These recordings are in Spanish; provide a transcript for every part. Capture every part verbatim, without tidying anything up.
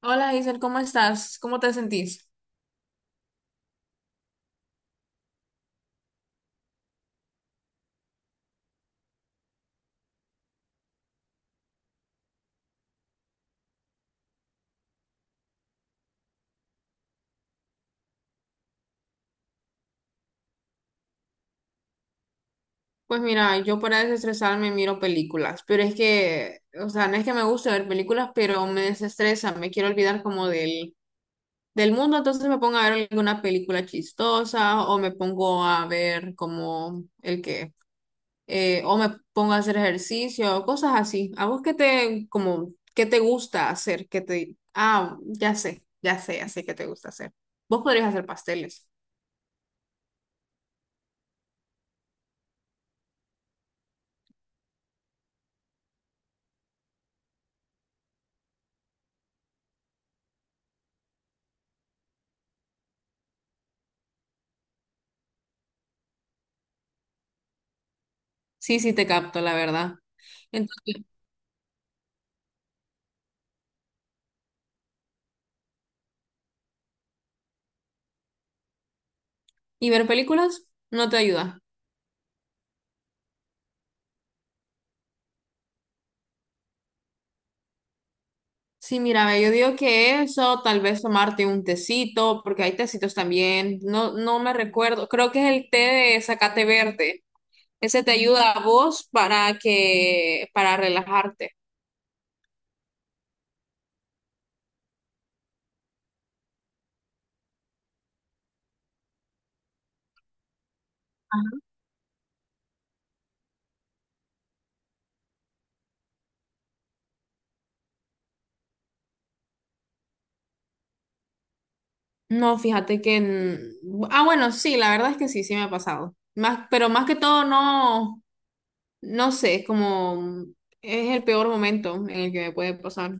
Hola Giselle, ¿cómo estás? ¿Cómo te sentís? Pues mira, yo para desestresarme miro películas, pero es que, o sea, no es que me guste ver películas, pero me desestresa, me quiero olvidar como del, del mundo, entonces me pongo a ver alguna película chistosa o me pongo a ver como el que, eh, o me pongo a hacer ejercicio, cosas así. ¿A vos qué te, como, qué te gusta hacer? ¿Qué te, ah, ya sé, ya sé, ya sé qué te gusta hacer. Vos podrías hacer pasteles. Sí, sí, te capto, la verdad. Entonces. Y ver películas no te ayuda. Sí, mira, ve, yo digo que eso, tal vez tomarte un tecito, porque hay tecitos también. No, no me recuerdo. Creo que es el té de zacate verde. Ese te ayuda a vos para que, para relajarte. No, fíjate que, mm, ah, bueno, sí, la verdad es que sí, sí me ha pasado. Más, pero más que todo, no, no sé, como es el peor momento en el que me puede pasar.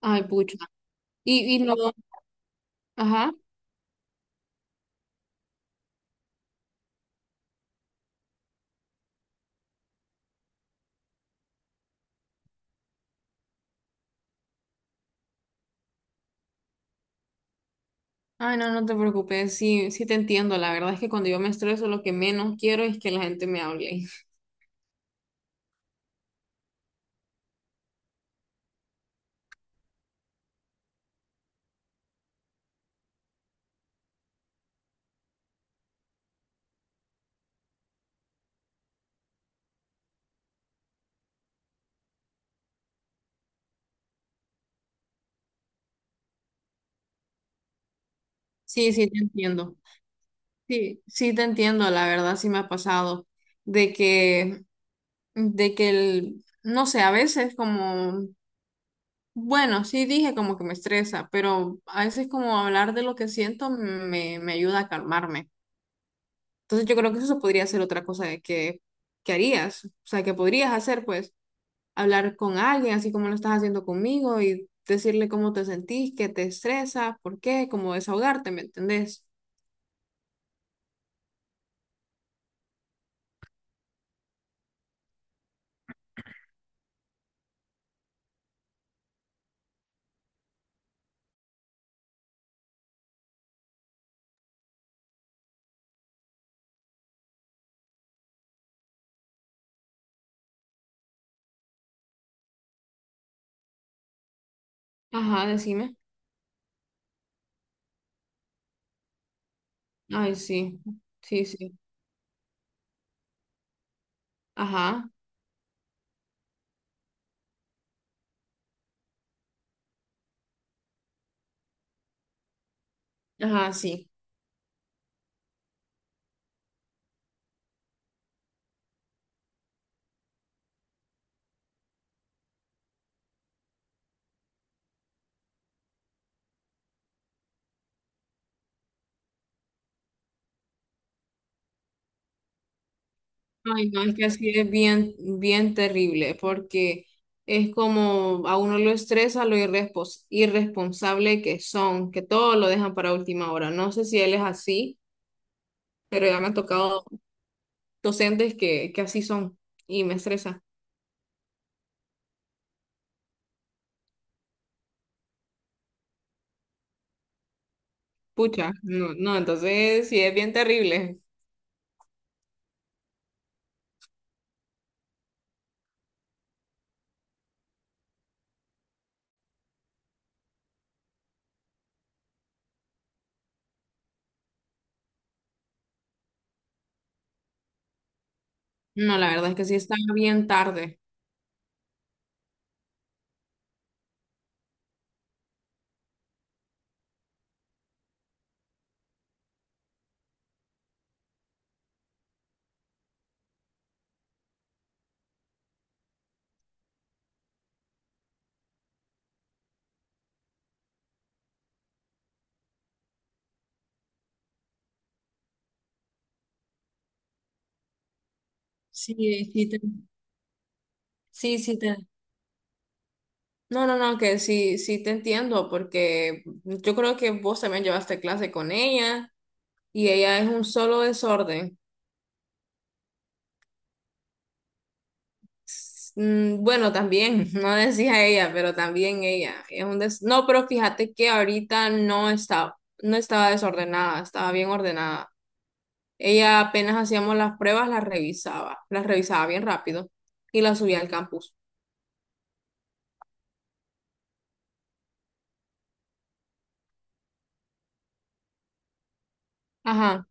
Ay, pucha. Y, y no, ajá. Ay, no, no te preocupes, sí, sí te entiendo. La verdad es que cuando yo me estreso, lo que menos quiero es que la gente me hable. Sí, sí te entiendo. Sí, sí te entiendo, la verdad sí me ha pasado de que, de que el, no sé, a veces como, bueno, sí dije como que me estresa, pero a veces como hablar de lo que siento me, me ayuda a calmarme. Entonces yo creo que eso podría ser otra cosa de que, que harías, o sea, que podrías hacer, pues. Hablar con alguien, así como lo estás haciendo conmigo, y decirle cómo te sentís, qué te estresa, por qué, como desahogarte, ¿me entendés? Ajá, decime. Ay, sí, sí, sí. Ajá, ajá, sí. Ay, no, es que así es bien, bien terrible, porque es como a uno lo estresa lo irrespos- irresponsable que son, que todo lo dejan para última hora. No sé si él es así, pero ya me han tocado docentes que, que así son y me estresa. Pucha, no, no, entonces sí es bien terrible. No, la verdad es que sí está bien tarde. Sí, sí, te- sí, sí te- No, no, no, que sí, sí te entiendo, porque yo creo que vos también llevaste clase con ella y ella es un solo desorden. S- mm, Bueno, también, no decía ella, pero también ella es un des... No, pero fíjate que ahorita no estaba, no estaba desordenada, estaba bien ordenada. Ella apenas hacíamos las pruebas, las revisaba, las revisaba bien rápido y las subía al campus. Ajá.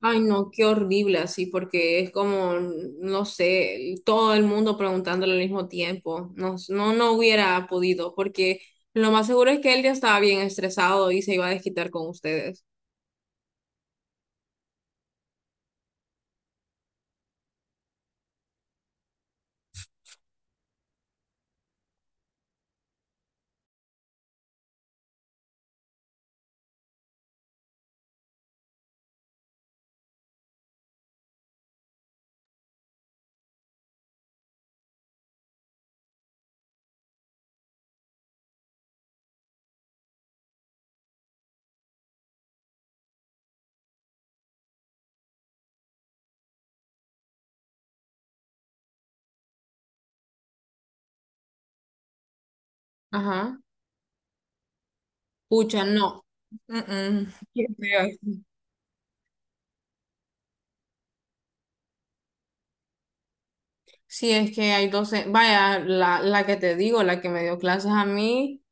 Ay, no, qué horrible así, porque es como, no sé, todo el mundo preguntándole al mismo tiempo. No, no, no hubiera podido, porque lo más seguro es que él ya estaba bien estresado y se iba a desquitar con ustedes. Ajá. Pucha, no. Mm-mm. Qué feo. Sí, es que hay doce vaya, la, la que te digo, la que me dio clases a mí.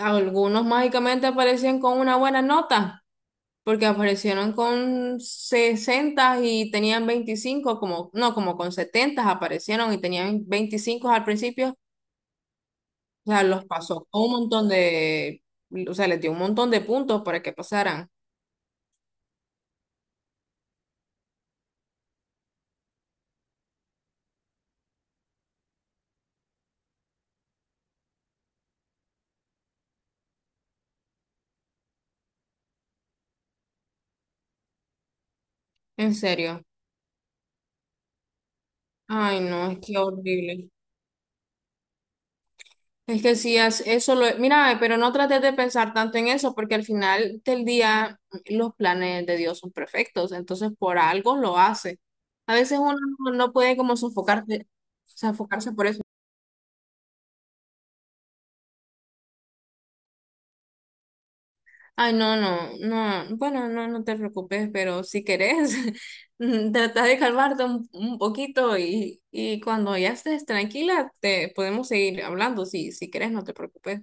Algunos mágicamente aparecían con una buena nota, porque aparecieron con sesenta y tenían veinticinco como, no, como con setenta aparecieron y tenían veinticinco al principio, o sea, los pasó con un montón de, o sea, les dio un montón de puntos para que pasaran. ¿En serio? Ay, no, es que horrible. Es que sí, as- eso lo... Mira, pero no trates de pensar tanto en eso, porque al final del día mm, los planes de Dios son perfectos, entonces por algo lo hace. A veces uno no no puede como sofocarse, sofocarse por eso. Ay, no, no, no, bueno, no, no te preocupes, pero si querés, mm, trata de calmarte un, un poquito y, y cuando ya estés tranquila, te podemos seguir hablando, si, si querés, no te preocupes.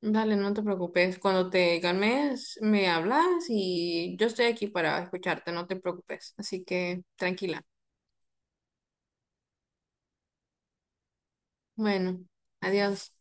Dale, no te preocupes. Cuando te calmes, me hablas y yo estoy aquí para escucharte, no te preocupes. Así que tranquila. Bueno, adiós.